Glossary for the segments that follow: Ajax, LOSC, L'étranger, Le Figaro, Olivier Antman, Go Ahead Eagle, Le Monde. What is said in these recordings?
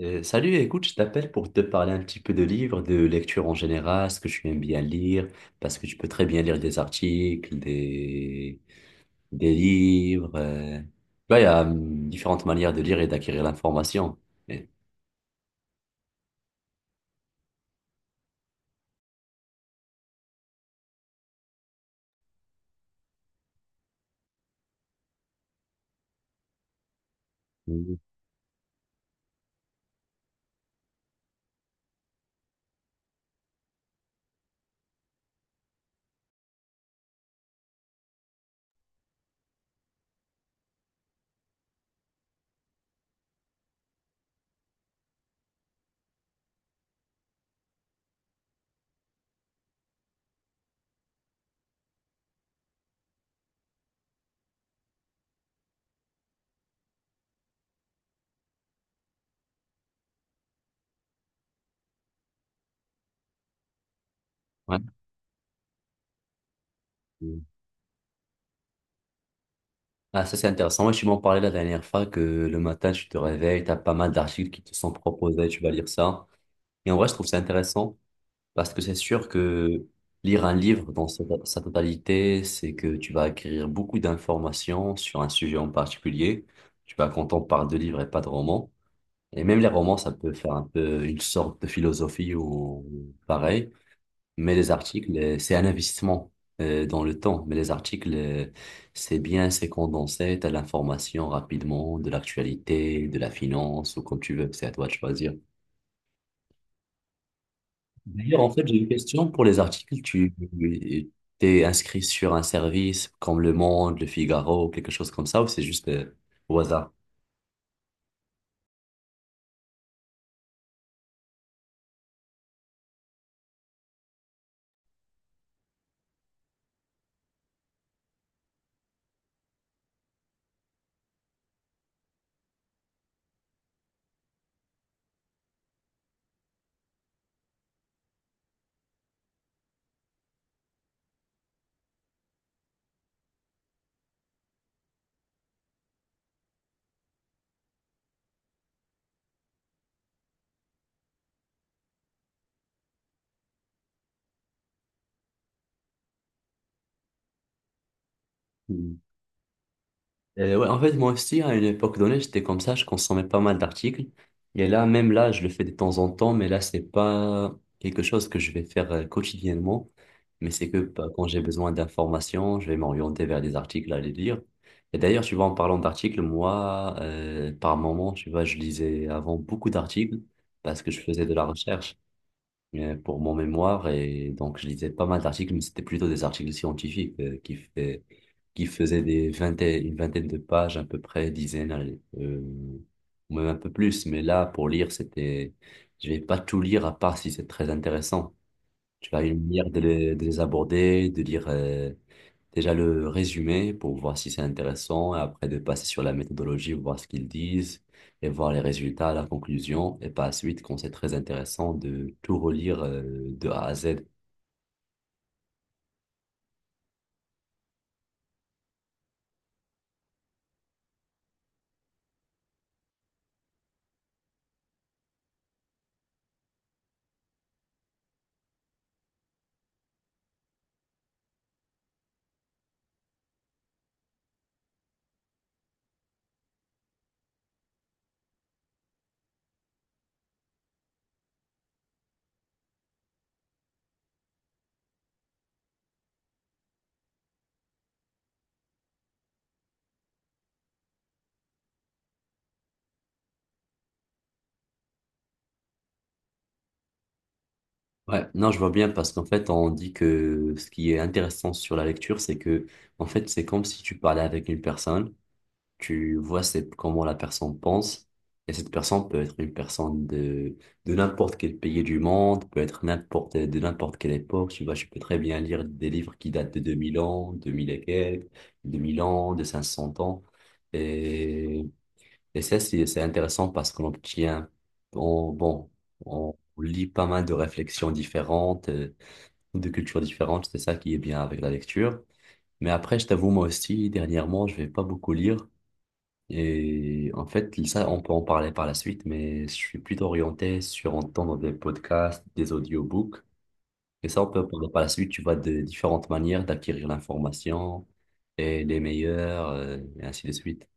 Salut, écoute, je t'appelle pour te parler un petit peu de livres, de lecture en général, ce que tu aimes bien lire, parce que tu peux très bien lire des articles, des livres. Tu vois, il y a différentes manières de lire et d'acquérir l'information. Et- Mhm. Ouais. Mhm. Ah, ça c'est intéressant. Moi, tu m'en parlais la dernière fois que le matin, tu te réveilles, tu as pas mal d'articles qui te sont proposés, tu vas lire ça. Et en vrai, je trouve ça intéressant. Parce que c'est sûr que lire un livre dans sa totalité, c'est que tu vas acquérir beaucoup d'informations sur un sujet en particulier. Tu vas quand on parle de livres et pas de romans. Et même les romans, ça peut faire un peu une sorte de philosophie ou pareil. Mais les articles, c'est un investissement dans le temps. Mais les articles, c'est bien, c'est condensé, t'as l'information rapidement de l'actualité, de la finance ou comme tu veux. C'est à toi de choisir. D'ailleurs, en fait, j'ai une question pour les articles. Tu t'es inscrit sur un service comme Le Monde, Le Figaro, quelque chose comme ça, ou c'est juste au hasard? Ouais, en fait, moi aussi, à une époque donnée, j'étais comme ça, je consommais pas mal d'articles. Et là, même là, je le fais de temps en temps, mais là, c'est pas quelque chose que je vais faire quotidiennement. Mais c'est que bah, quand j'ai besoin d'informations, je vais m'orienter vers des articles à les lire. Et d'ailleurs, tu vois, en parlant d'articles, moi, par moment, tu vois, je lisais avant beaucoup d'articles parce que je faisais de la recherche pour mon mémoire et donc je lisais pas mal d'articles, mais c'était plutôt des articles scientifiques qui faisaient une vingtaine de pages à peu près, dizaines, allez, ou même un peu plus. Mais là, pour lire, c'était, je vais pas tout lire à part si c'est très intéressant. Tu as une manière de les aborder, de lire déjà le résumé pour voir si c'est intéressant, et après de passer sur la méthodologie, voir ce qu'ils disent, et voir les résultats, la conclusion, et par la suite, quand c'est très intéressant, de tout relire de A à Z. Ouais, non, je vois bien parce qu'en fait, on dit que ce qui est intéressant sur la lecture, c'est que, en fait, c'est comme si tu parlais avec une personne. Tu vois, c'est comment la personne pense. Et cette personne peut être une personne de n'importe quel pays du monde, peut être de n'importe quelle époque. Tu vois, je peux très bien lire des livres qui datent de 2000 ans, 2000 et quelques, 2000 ans, de 500 ans. Et, et ça, c'est intéressant parce qu'on obtient, bon, on lit pas mal de réflexions différentes, de cultures différentes. C'est ça qui est bien avec la lecture. Mais après, je t'avoue, moi aussi, dernièrement, je vais pas beaucoup lire. Et en fait, ça, on peut en parler par la suite, mais je suis plutôt orienté sur entendre des podcasts, des audiobooks. Et ça, on peut en parler par la suite. Tu vois, de différentes manières d'acquérir l'information et les meilleures, et ainsi de suite.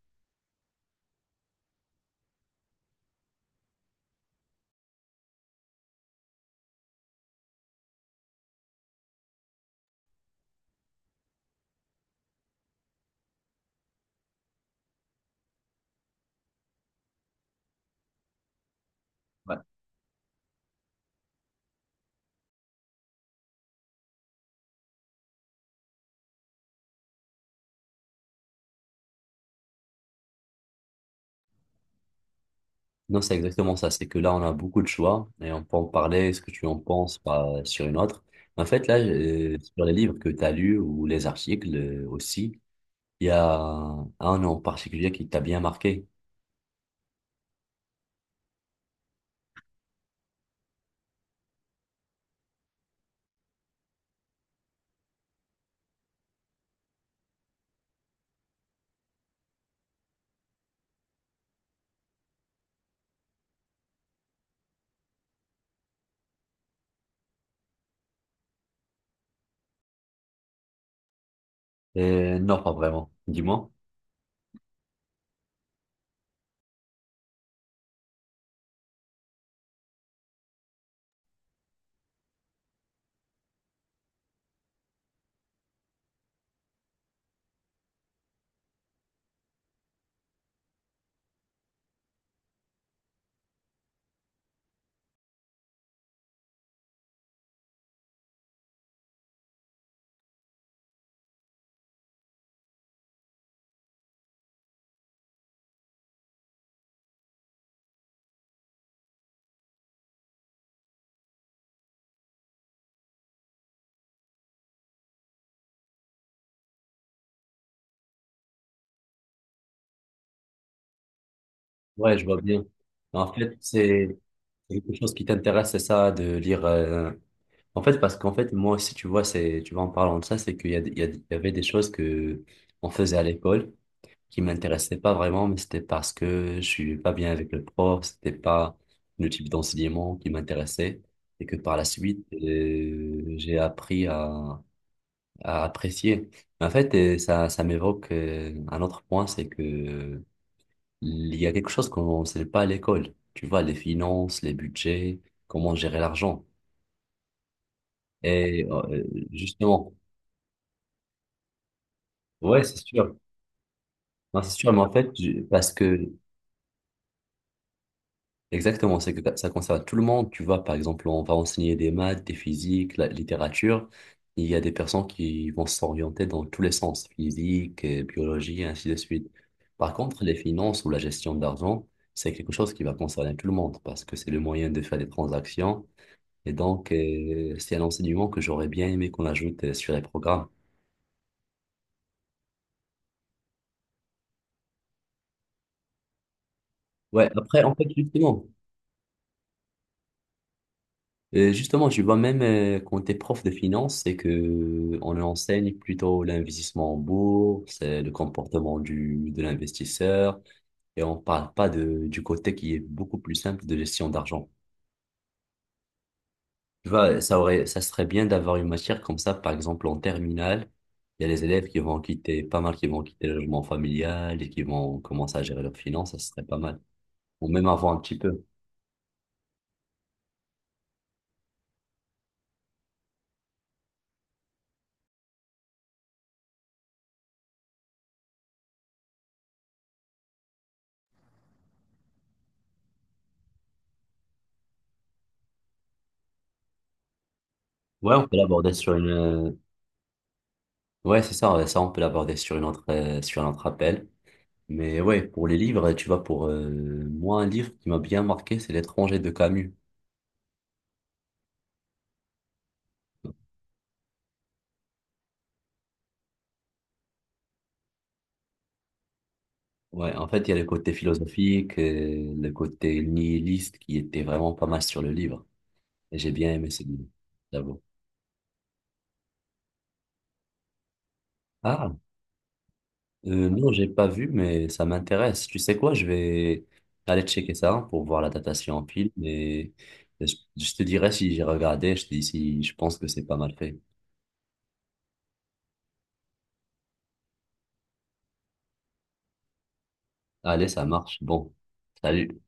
Ouais. Non, c'est exactement ça. C'est que là, on a beaucoup de choix et on peut en parler, ce que tu en penses, pas sur une autre. En fait, là, sur les livres que tu as lus ou les articles aussi, il y a un en particulier qui t'a bien marqué. Non, pas vraiment. Dis-moi. Ouais, je vois bien. En fait, c'est quelque chose qui t'intéresse, c'est ça, de lire. En fait, parce qu'en fait, moi aussi, tu vois, c'est, tu vois, en parlant de ça, c'est qu'il y a, des- il y a- des- il y avait des choses que on faisait à l'école qui m'intéressaient pas vraiment, mais c'était parce que je suis pas bien avec le prof, c'était pas le type d'enseignement qui m'intéressait, et que par la suite, j'ai appris à apprécier. En fait, ça, ça m'évoque un autre point, c'est que il y a quelque chose qu'on ne sait pas à l'école. Tu vois, les finances, les budgets, comment gérer l'argent. Et justement, ouais, c'est sûr. Non, c'est sûr, mais en fait, parce que, exactement, c'est que ça concerne tout le monde. Tu vois, par exemple, on va enseigner des maths, des physiques, la littérature. Il y a des personnes qui vont s'orienter dans tous les sens, physique, biologie, et ainsi de suite. Par contre, les finances ou la gestion d'argent, c'est quelque chose qui va concerner tout le monde parce que c'est le moyen de faire des transactions. Et donc, c'est un enseignement que j'aurais bien aimé qu'on ajoute sur les programmes. Ouais, après, en fait, justement, tu vois, même quand tu es prof de finance, c'est que on enseigne plutôt l'investissement en bourse, le comportement de l'investisseur, et on parle pas du côté qui est beaucoup plus simple de gestion d'argent. Tu vois, ça serait bien d'avoir une matière comme ça, par exemple, en terminale. Il y a les élèves qui vont quitter, pas mal qui vont quitter le logement familial et qui vont commencer à gérer leurs finances, ça serait pas mal. Ou même avant un petit peu. Ouais, on peut l'aborder sur une. Ouais, c'est ça, ouais, ça, on peut l'aborder sur une autre, sur un autre appel. Mais ouais, pour les livres, tu vois, pour moi, un livre qui m'a bien marqué, c'est L'étranger de Camus. Ouais, en fait, il y a le côté philosophique, le côté nihiliste qui était vraiment pas mal sur le livre. Et j'ai bien aimé ce livre, j'avoue. Ah, non, j'ai pas vu, mais ça m'intéresse. Tu sais quoi, je vais aller checker ça pour voir la datation en pile, mais je te dirai si j'ai regardé, je te dis si je pense que c'est pas mal fait. Allez, ça marche. Bon, salut.